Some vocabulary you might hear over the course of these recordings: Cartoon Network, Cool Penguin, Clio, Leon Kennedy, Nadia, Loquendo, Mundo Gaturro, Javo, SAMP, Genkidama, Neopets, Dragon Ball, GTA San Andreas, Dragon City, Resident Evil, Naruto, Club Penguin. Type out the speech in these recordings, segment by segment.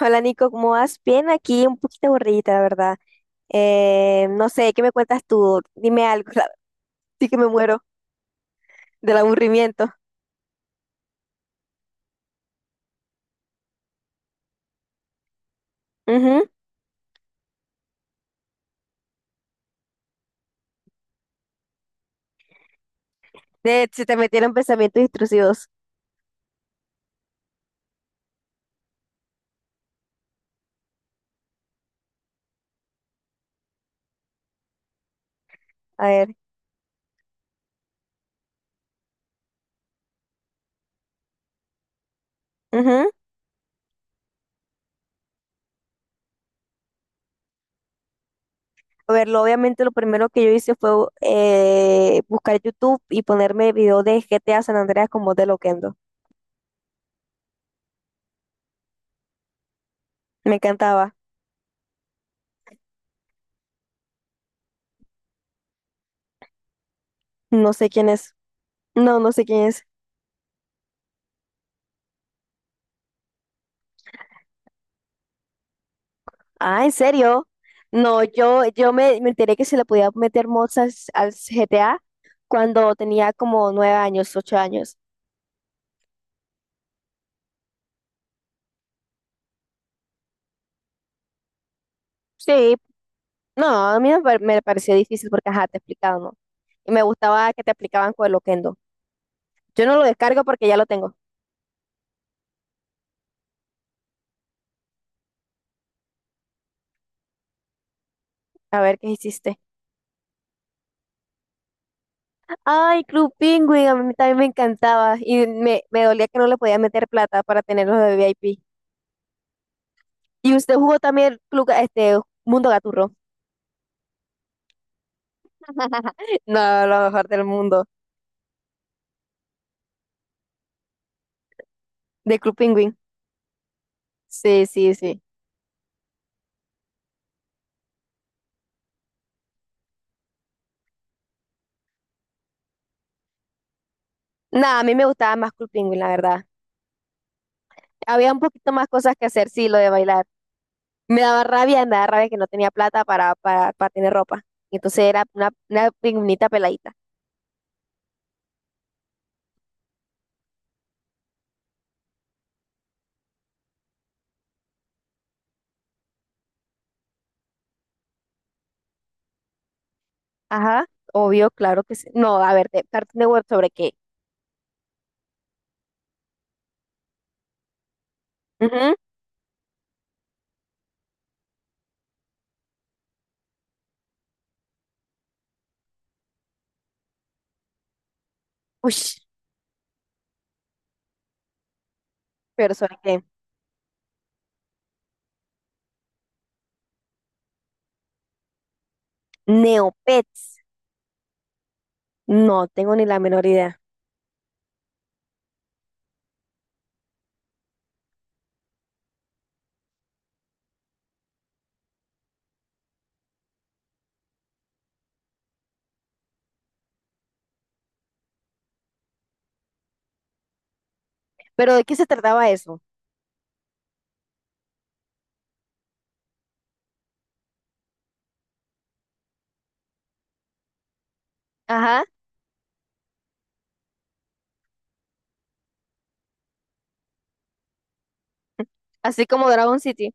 Hola Nico, ¿cómo vas? Bien, aquí un poquito aburridita, la verdad. No sé, ¿qué me cuentas tú? Dime algo, sí que me muero del aburrimiento. Ujú. De, se te metieron pensamientos intrusivos. A ver. Ujú. A ver, obviamente lo primero que yo hice fue buscar YouTube y ponerme video de GTA San Andreas con voz de Loquendo. Me encantaba. No sé quién es. No, no sé quién es. Ah, ¿en serio? No, me enteré que se le podía meter mods al GTA cuando tenía como 9 años, 8 años. Sí, no, a mí me, par- me pareció difícil porque, ajá, te explicaban, ¿no? Y me gustaba que te explicaban con el Oquendo. Yo no lo descargo porque ya lo tengo. A ver qué hiciste. Ay, Club Penguin, a mí también me encantaba. Y me dolía que no le podía meter plata para tenerlo de VIP. Y usted jugó también Club, este, Mundo Gaturro. No, lo mejor del mundo, de Club Penguin. Sí, sí, sí. Nada, a mí me gustaba más Cool Penguin, la verdad. Había un poquito más cosas que hacer, sí, lo de bailar. Me daba rabia que no tenía plata para tener ropa. Entonces era una pingüinita peladita. Ajá, obvio, claro que sí. No, a ver, de Cartoon Network sobre qué. Ujú. Ush, pero sobre qué. Neopets. No tengo ni la menor idea. Pero ¿de qué se trataba eso? Ajá, así como Dragon City.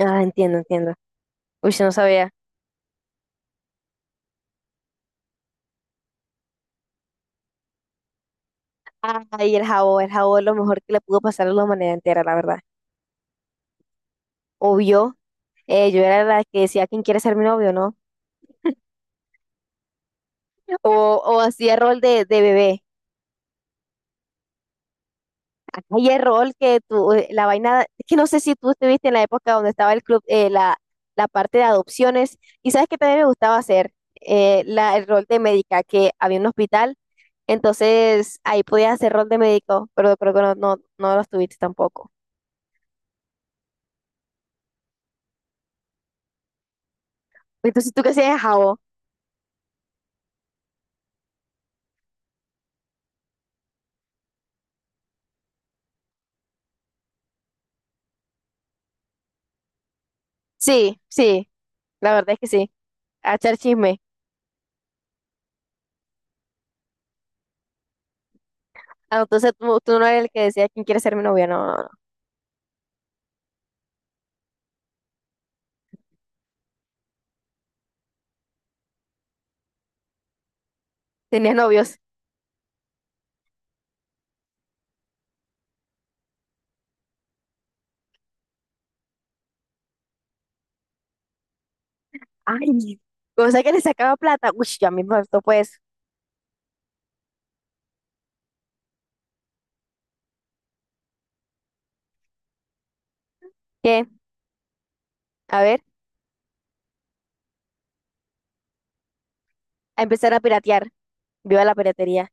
Ah, entiendo, entiendo. Uy, no sabía. Ay, el jabón, lo mejor que le pudo pasar a la humanidad entera, la verdad. Obvio, yo era la que decía quién quiere ser mi novio, ¿no? O, o hacía rol de bebé. Hay el rol que tú, la vaina, es que no sé si tú estuviste en la época donde estaba el club, la parte de adopciones, y sabes que también me gustaba hacer el rol de médica, que había un hospital, entonces ahí podías hacer rol de médico, pero creo que no lo estuviste tampoco. Entonces, ¿tú qué hacías, Javo? Sí, sí, la verdad es que sí, a echar chisme. Ah, entonces tú no eres el que decía quién quiere ser mi novia, no, no, no. Tenías novios. Ay, cosa que le sacaba plata. Uy, ya mismo esto pues. ¿Qué? A ver, a empezar a piratear. Viva la piratería.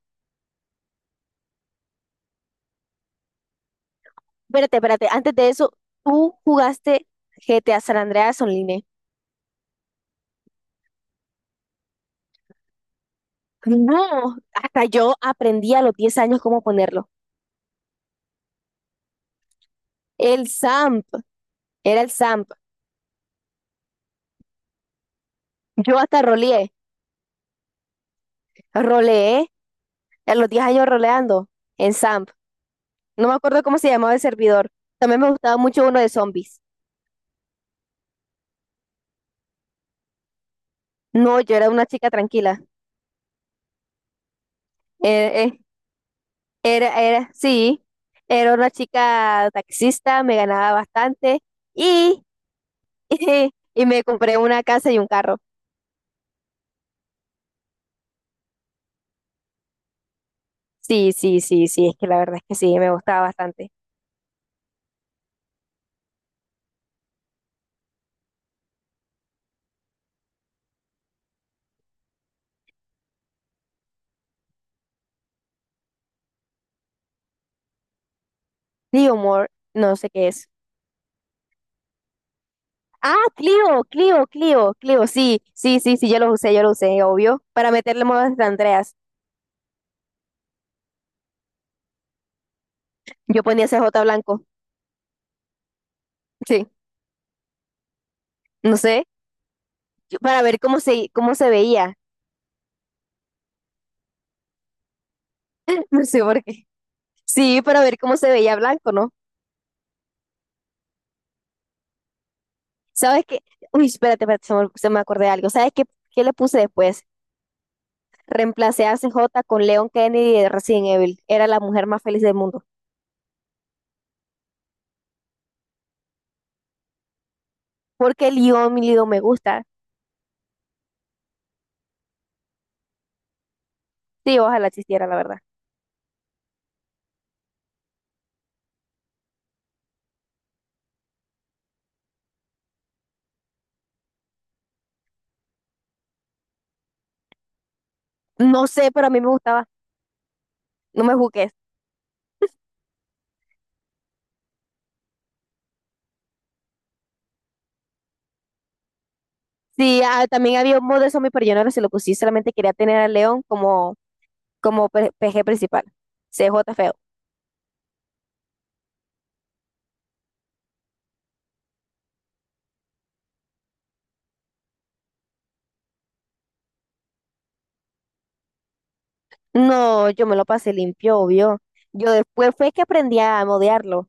Espérate, espérate. Antes de eso, tú jugaste GTA San Andreas Online. No, hasta yo aprendí a los 10 años cómo ponerlo. El SAMP, era el SAMP. Yo hasta roleé, roleé a los 10 años roleando en SAMP. No me acuerdo cómo se llamaba el servidor. También me gustaba mucho uno de zombies. No, yo era una chica tranquila. Eh, eh, sí, era una chica taxista, me ganaba bastante y, y, me compré una casa y un carro. Sí, sí, sí, sí, es que la verdad es que sí, me gustaba bastante. Clio More, no sé qué es. Ah, Clio, sí, sí, sí, sí, yo lo usé, obvio, para meterle modas de Andreas. Yo ponía C CJ blanco, sí, no sé, para ver cómo se veía, no sé por qué. Sí, para ver cómo se veía blanco, ¿no? ¿Sabes qué? Uy, espérate, espérate, se me acordé de algo. ¿Sabes qué, qué le puse después? Reemplacé a C J con Leon Kennedy de Resident Evil. Era la mujer más feliz del mundo. Porque Leon, mi Leon, me gusta. Sí, ojalá existiera, la verdad. No sé, pero a mí me gustaba. No me juzgues. Sí, ah, también había un mod de zombie, pero yo no se lo puse. Solamente quería tener a Leon como, PG principal. C J feo. No, yo me lo pasé limpio, obvio. Yo después fue que aprendí a modearlo.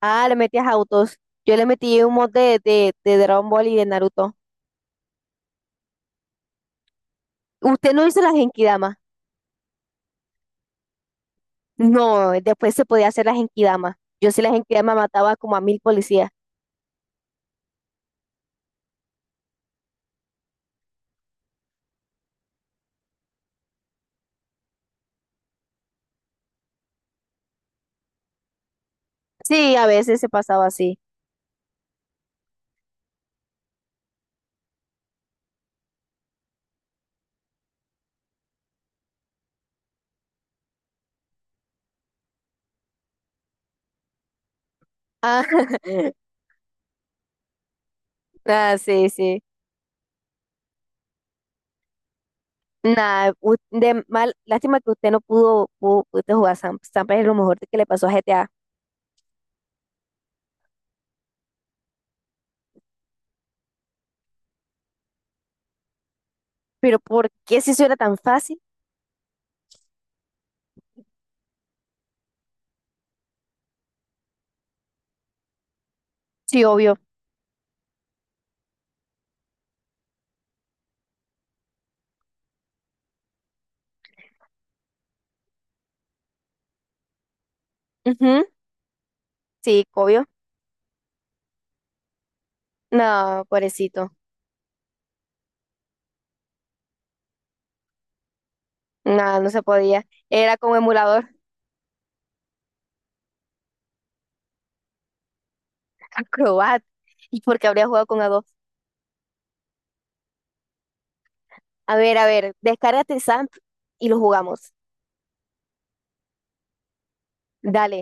Ah, le metías autos. Yo le metí un mod de Dragon Ball y de Naruto. ¿Usted no hizo las Genkidama? No, después se podía hacer las Genkidama. Yo sí las Genkidama mataba como a 1000 policías. Sí, a veces se pasaba así. Ah, ah, sí, sí. Nada, de mal, lástima que usted no pudiste jugar Sam. Sam es lo mejor que le pasó a GTA. Pero ¿por qué si eso era tan fácil? Sí, obvio. Ujú. Sí, obvio. No, pobrecito. No, no se podía. Era como emulador. Acrobat. ¿Y por qué habría jugado con A2? A ver, descárgate el SAMP y lo jugamos. Dale.